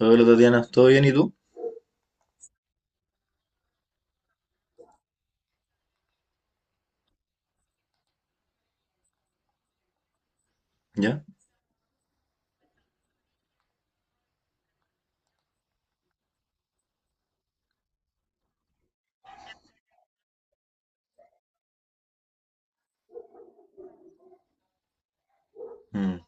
Hola Tatiana, ¿todo bien y tú? ¿Ya? Mm.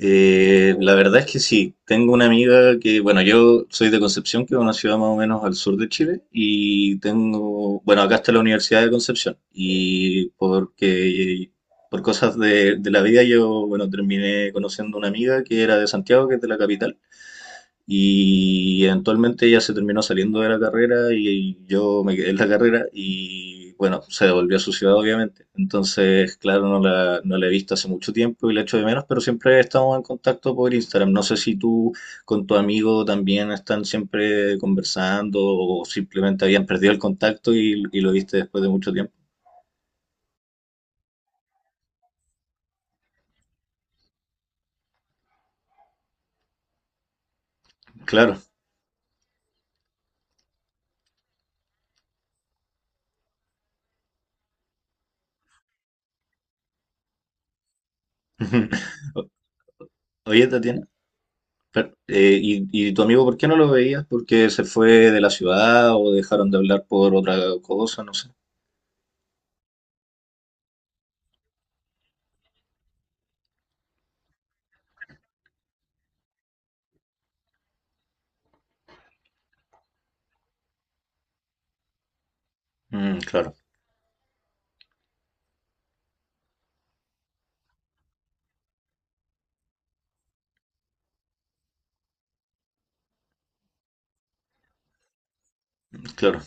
La verdad es que sí, tengo una amiga que, bueno, yo soy de Concepción, que es una ciudad más o menos al sur de Chile, y tengo, bueno, acá está la Universidad de Concepción, y porque por cosas de la vida yo, bueno, terminé conociendo una amiga que era de Santiago, que es de la capital. Y eventualmente ella se terminó saliendo de la carrera y yo me quedé en la carrera y bueno, se devolvió a su ciudad obviamente. Entonces, claro, no la he visto hace mucho tiempo y la echo de menos, pero siempre estamos en contacto por Instagram. No sé si tú con tu amigo también están siempre conversando o simplemente habían perdido el contacto y lo viste después de mucho tiempo. Claro. Oye, Tatiana. Pero, ¿y tu amigo por qué no lo veías? ¿Porque se fue de la ciudad o dejaron de hablar por otra cosa? No sé. Mm, claro, claro.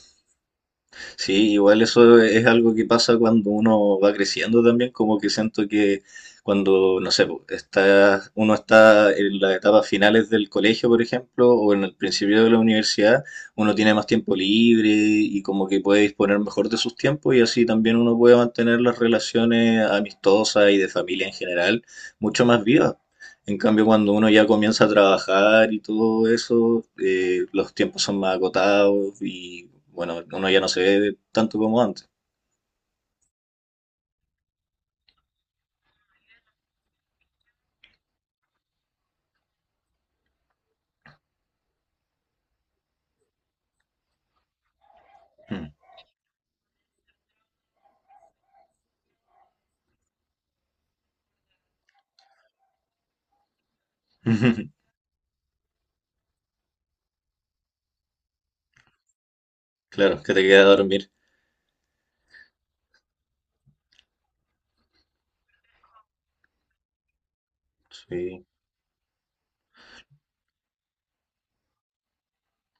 Sí, igual eso es algo que pasa cuando uno va creciendo también, como que siento que cuando, no sé, po, está, uno está en las etapas finales del colegio, por ejemplo, o en el principio de la universidad, uno tiene más tiempo libre y como que puede disponer mejor de sus tiempos y así también uno puede mantener las relaciones amistosas y de familia en general mucho más vivas. En cambio, cuando uno ya comienza a trabajar y todo eso, los tiempos son más agotados y bueno, uno ya no se ve tanto como antes. Mm. Claro, que te queda dormir. Sí.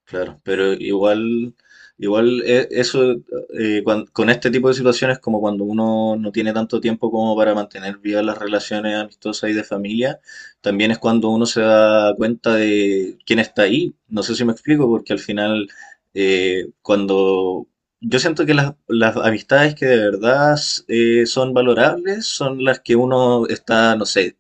Claro, pero igual, eso, con este tipo de situaciones como cuando uno no tiene tanto tiempo como para mantener vivas las relaciones amistosas y de familia, también es cuando uno se da cuenta de quién está ahí. No sé si me explico, porque al final, cuando yo siento que las amistades que de verdad son valorables son las que uno está, no sé,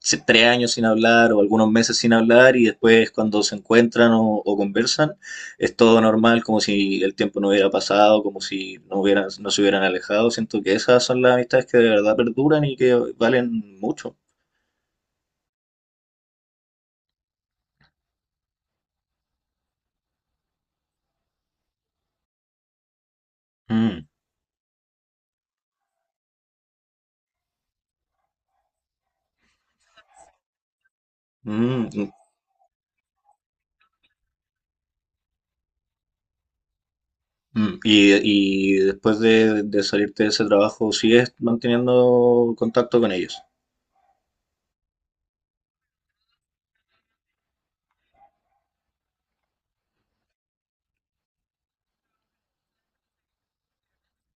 si tres años sin hablar o algunos meses sin hablar y después cuando se encuentran o conversan es todo normal, como si el tiempo no hubiera pasado, como si no hubieran, no se hubieran alejado. Siento que esas son las amistades que de verdad perduran y que valen mucho. Mm, mm, mm, mm. Y después de salirte de ese trabajo, ¿sigues manteniendo contacto con ellos?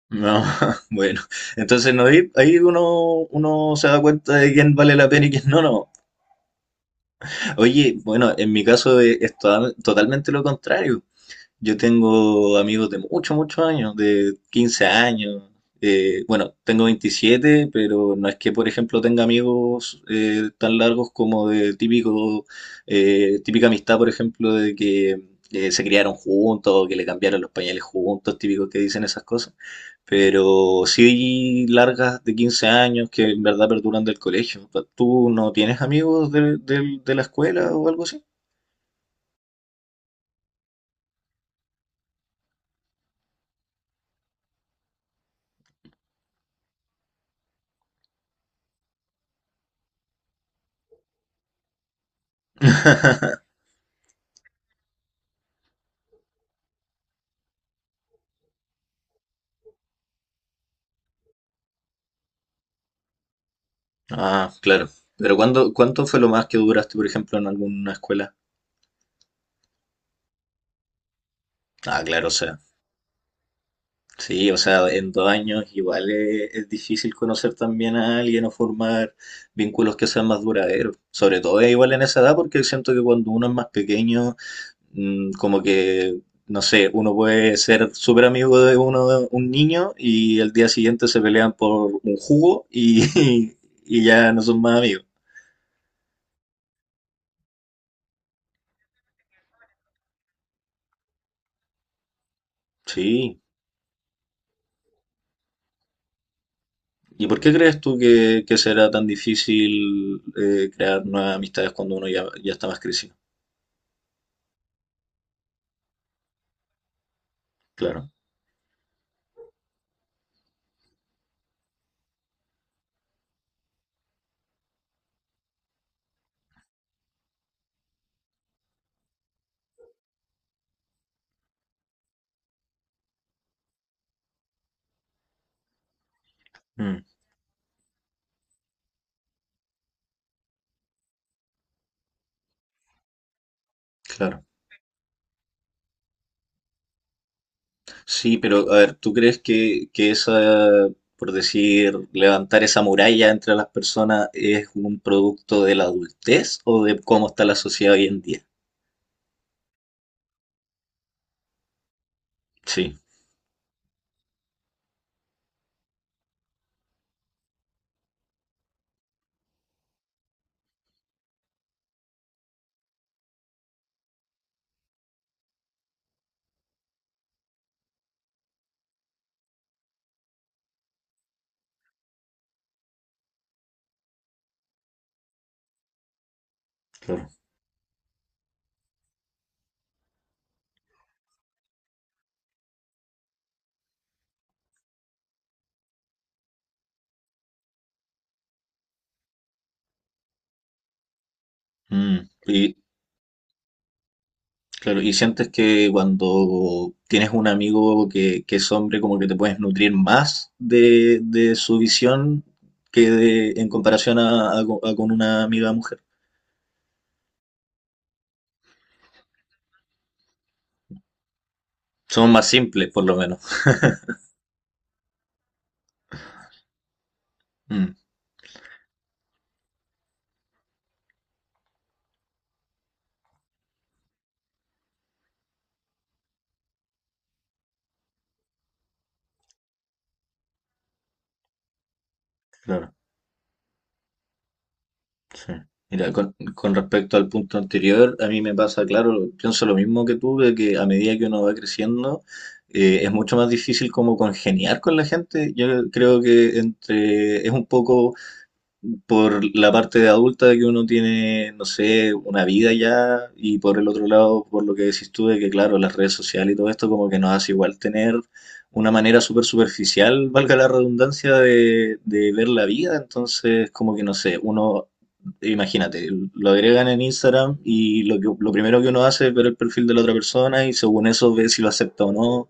No, bueno, entonces no, ahí uno, uno se da cuenta de quién vale la pena y quién no, no. Oye, bueno, en mi caso es, totalmente lo contrario. Yo tengo amigos de muchos, muchos años, de 15 años. Bueno, tengo 27, pero no es que, por ejemplo, tenga amigos tan largos como de típico, típica amistad, por ejemplo, de que se criaron juntos o que le cambiaron los pañales juntos, típicos que dicen esas cosas. Pero sí largas de 15 años que en verdad perduran del colegio. ¿Tú no tienes amigos de, de la escuela o algo así? Ah, claro. Pero ¿cuánto fue lo más que duraste, por ejemplo, en alguna escuela? Ah, claro, o sea. Sí, o sea, en dos años igual es difícil conocer también a alguien o formar vínculos que sean más duraderos. Sobre todo es igual en esa edad porque siento que cuando uno es más pequeño, mm, como que, no sé, uno puede ser súper amigo de uno, un niño y el día siguiente se pelean por un jugo y, y ya no son más amigos. Sí. ¿Y por qué crees tú que será tan difícil crear nuevas amistades cuando uno ya, ya está más crecido? Claro. Mm, claro. Sí, pero a ver, ¿tú crees que esa, por decir, levantar esa muralla entre las personas es un producto de la adultez o de cómo está la sociedad hoy en día? Sí, claro. Mm. Y claro, y sientes que cuando tienes un amigo que es hombre, como que te puedes nutrir más de su visión que de, en comparación a, a con una amiga mujer. Somos más simples, por lo menos. Mm, claro. Sí. Mira, con respecto al punto anterior, a mí me pasa, claro, pienso lo mismo que tú, de que a medida que uno va creciendo, es mucho más difícil como congeniar con la gente. Yo creo que entre, es un poco por la parte de adulta de que uno tiene, no sé, una vida ya, y por el otro lado, por lo que decís tú, de que claro, las redes sociales y todo esto como que nos hace igual tener una manera súper superficial, valga la redundancia, de ver la vida, entonces como que no sé, uno, imagínate, lo agregan en Instagram y lo que, lo primero que uno hace es ver el perfil de la otra persona y según eso ve si lo acepta o no,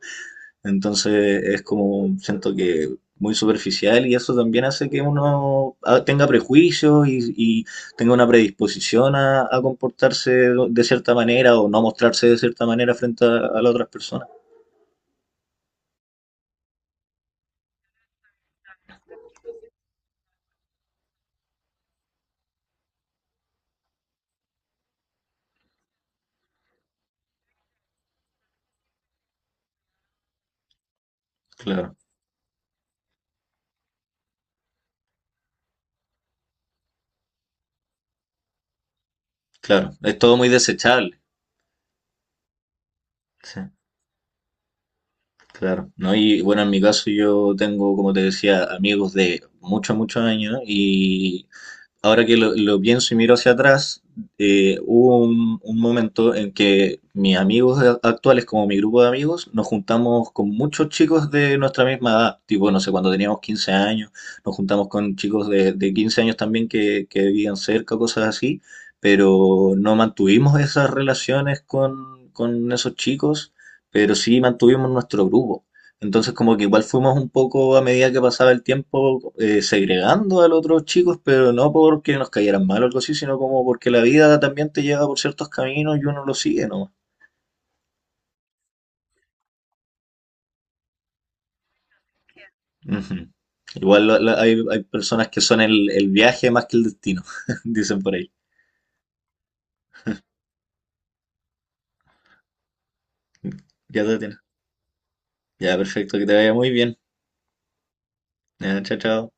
entonces es como, siento que muy superficial y eso también hace que uno tenga prejuicios y tenga una predisposición a comportarse de cierta manera o no mostrarse de cierta manera frente a las otras personas. Claro, claro. Es todo muy desechable. Sí, claro, ¿no? Y bueno, en mi caso yo tengo, como te decía, amigos de muchos, muchos años. Y ahora que lo pienso y miro hacia atrás, hubo un momento en que mis amigos actuales, como mi grupo de amigos, nos juntamos con muchos chicos de nuestra misma edad, tipo, no sé, cuando teníamos 15 años, nos juntamos con chicos de 15 años también que vivían cerca, cosas así, pero no mantuvimos esas relaciones con esos chicos, pero sí mantuvimos nuestro grupo. Entonces como que igual fuimos un poco a medida que pasaba el tiempo, segregando a los otros chicos, pero no porque nos cayeran mal o algo así, sino como porque la vida también te lleva por ciertos caminos y uno lo sigue, ¿no? Ujú. Igual hay, hay personas que son el viaje más que el destino, dicen por ahí. Ya te tienes. Ya, perfecto, que te vaya muy bien. Ya, chao, chao.